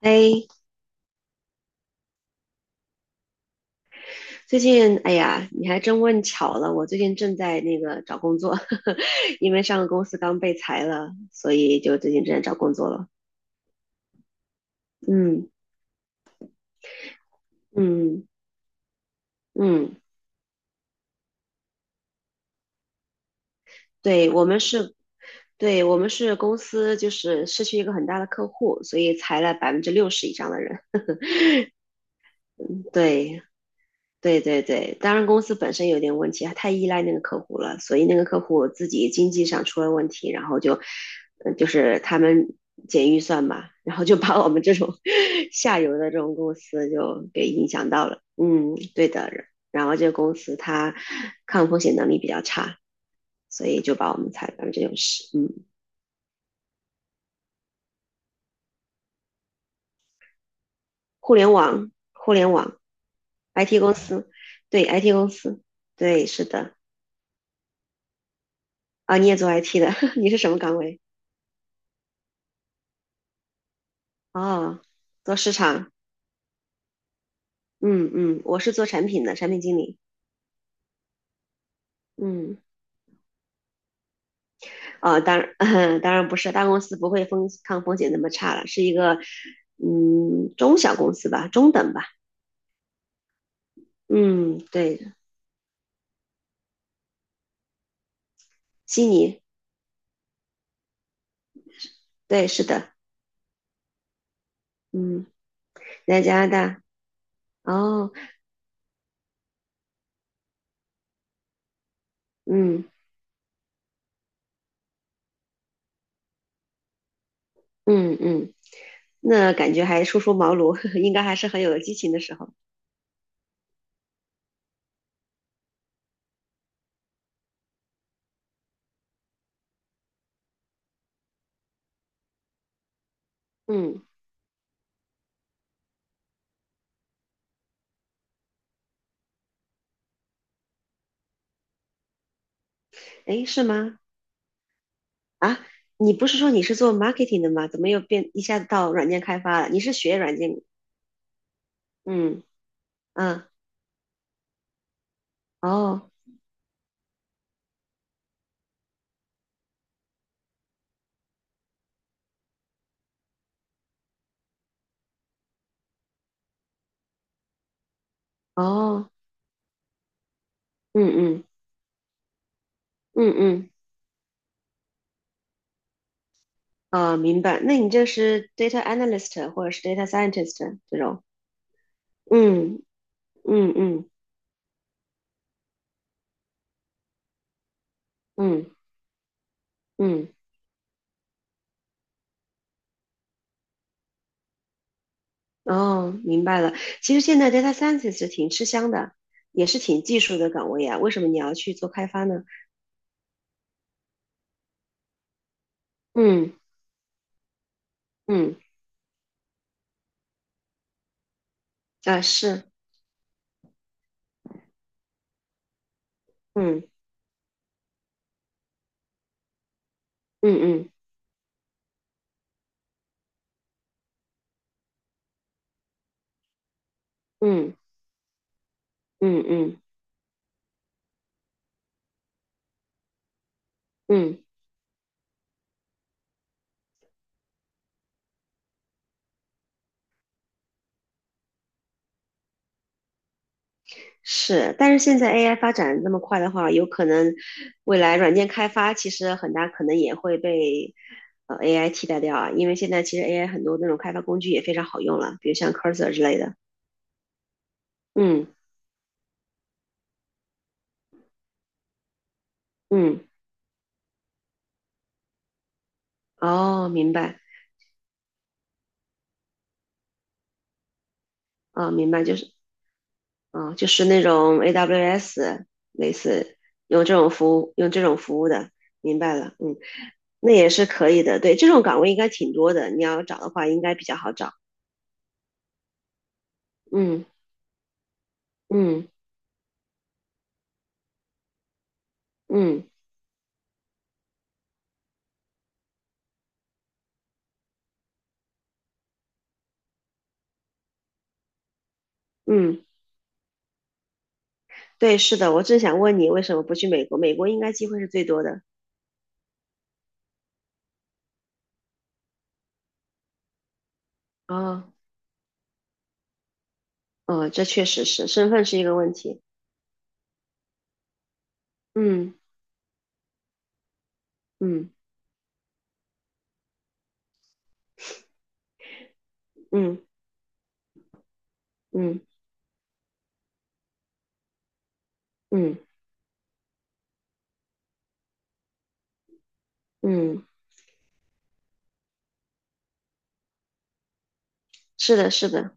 哎，最近，哎呀，你还真问巧了，我最近正在那个找工作，呵呵，因为上个公司刚被裁了，所以就最近正在找工作了。嗯嗯嗯，对，我们是，对，我们是公司，就是失去一个很大的客户，所以裁了60%以上的人。对，对对对，当然公司本身有点问题，它太依赖那个客户了，所以那个客户自己经济上出了问题，然后就，就是他们减预算嘛，然后就把我们这种 下游的这种公司就给影响到了。嗯，对的。然后这个公司它抗风险能力比较差，所以就把我们裁干这种事。嗯，互联网，互联网，IT 公司，对，IT 公司，对，是的。啊，你也做 IT 的，你是什么岗位？哦，做市场，嗯嗯，我是做产品的，产品经理，嗯，哦，当然，当然不是，大公司不会抗风险那么差了，是一个，嗯，中小公司吧，中等吧，嗯，对，悉尼，对，是的，嗯，在加拿大，哦，嗯嗯嗯，那感觉还初出茅庐，应该还是很有激情的时候，嗯，诶，是吗？啊，你不是说你是做 marketing 的吗？怎么又变一下子到软件开发了？你是学软件？嗯。嗯，哦，哦，嗯嗯嗯嗯，啊，明白。那你就是 data analyst 或者是 data scientist 这种？嗯嗯嗯嗯嗯，哦，明白了。其实现在 data scientist 挺吃香的，也是挺技术的岗位啊。为什么你要去做开发呢？嗯嗯，啊是，嗯嗯嗯嗯嗯嗯嗯。嗯是，但是现在 AI 发展得那么快的话，有可能未来软件开发其实很大可能也会被AI 替代掉啊，因为现在其实 AI 很多那种开发工具也非常好用了，比如像 Cursor 之类的。嗯嗯，哦，明白，啊、明白，就是啊、就是那种 AWS 类似用这种服务的，明白了，嗯，那也是可以的，对，这种岗位应该挺多的，你要找的话应该比较好找。嗯嗯嗯嗯。对，是的，我正想问你为什么不去美国？美国应该机会是最多的。哦，哦，这确实是，身份是一个问题。嗯嗯嗯嗯嗯嗯，是的，是的，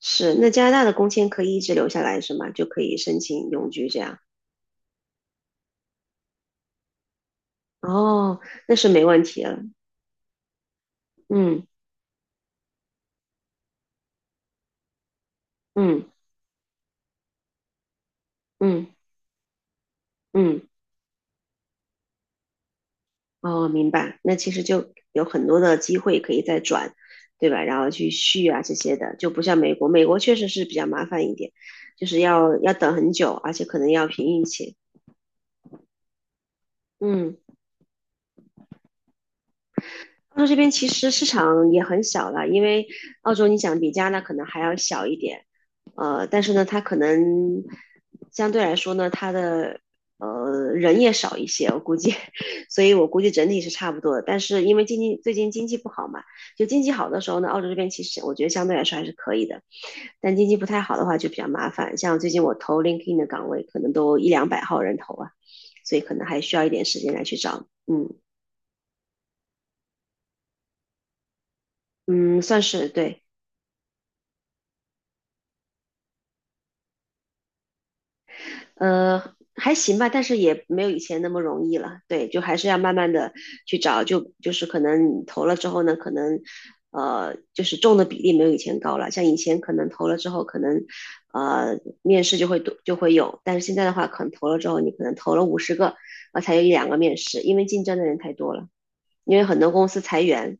是。那加拿大的工签可以一直留下来是吗？就可以申请永居这样？哦，那是没问题了。嗯嗯嗯嗯哦，明白。那其实就有很多的机会可以再转，对吧？然后去续啊这些的，就不像美国，美国确实是比较麻烦一点，就是要等很久，而且可能要凭运气。嗯。澳洲这边其实市场也很小了，因为澳洲你想比加拿大可能还要小一点，但是呢，它可能相对来说呢，它的人也少一些，我估计，所以我估计整体是差不多的。但是因为经济最近经济不好嘛，就经济好的时候呢，澳洲这边其实我觉得相对来说还是可以的，但经济不太好的话就比较麻烦。像最近我投 LinkedIn 的岗位，可能都一两百号人投啊，所以可能还需要一点时间来去找，嗯嗯，算是对。呃，还行吧，但是也没有以前那么容易了。对，就还是要慢慢的去找，就是可能你投了之后呢，可能，就是中的比例没有以前高了。像以前可能投了之后，可能面试就会多就会有，但是现在的话，可能投了之后，你可能投了50个，啊才有一两个面试，因为竞争的人太多了，因为很多公司裁员，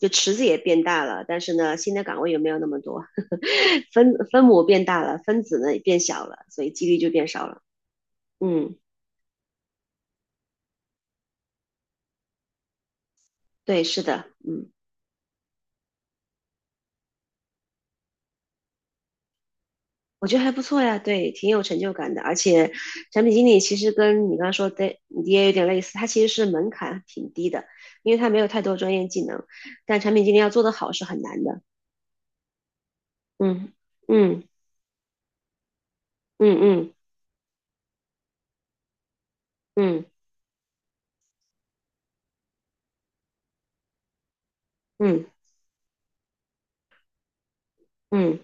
就池子也变大了，但是呢，新的岗位也没有那么多。分母变大了，分子呢也变小了，所以几率就变少了。嗯，对，是的，嗯，我觉得还不错呀，对，挺有成就感的。而且产品经理其实跟你刚刚说的你也有点类似，他其实是门槛挺低的，因为他没有太多专业技能，但产品经理要做得好是很难的。嗯嗯嗯嗯嗯嗯嗯，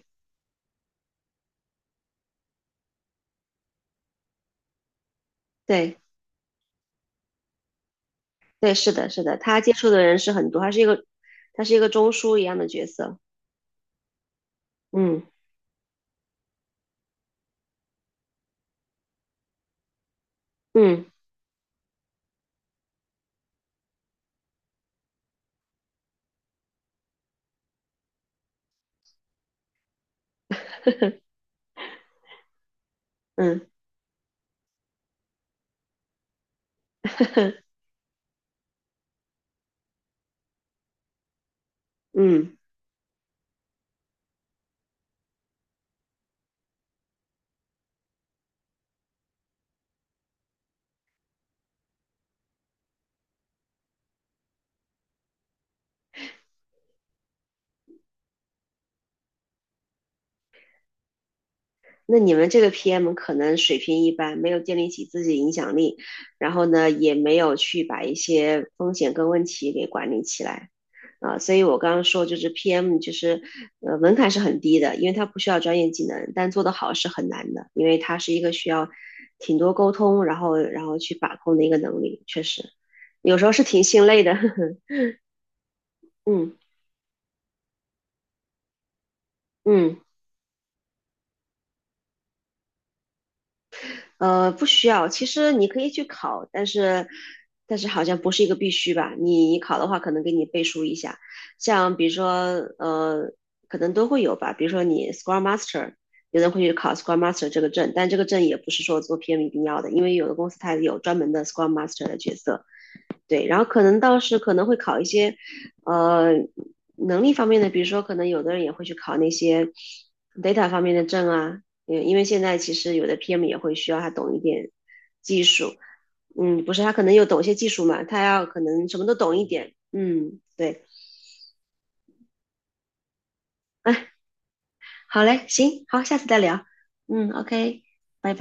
对对，是的，是的，他接触的人是很多，他是一个中枢一样的角色。嗯嗯 嗯。嗯，那你们这个 PM 可能水平一般，没有建立起自己的影响力，然后呢，也没有去把一些风险跟问题给管理起来啊，所以我刚刚说就是 PM 就是门槛是很低的，因为它不需要专业技能，但做得好是很难的，因为它是一个需要挺多沟通，然后去把控的一个能力，确实有时候是挺心累的。嗯嗯。不需要。其实你可以去考，但是好像不是一个必须吧？你考的话，可能给你背书一下，像比如说呃，可能都会有吧。比如说你 s c r e m a s t e r 有人会去考 s c r e m a s t e r 这个证，但这个证也不是说做 PM 一定要的，因为有的公司它有专门的 s c r e Master 的角色，对，然后可能倒是可能会考一些，呃，能力方面的，比如说可能有的人也会去考那些 data 方面的证啊，嗯，因为现在其实有的 PM 也会需要他懂一点技术，嗯，不是他可能又懂一些技术嘛，他要可能什么都懂一点，嗯，对，哎，好嘞，行，好，下次再聊，嗯，OK，拜拜。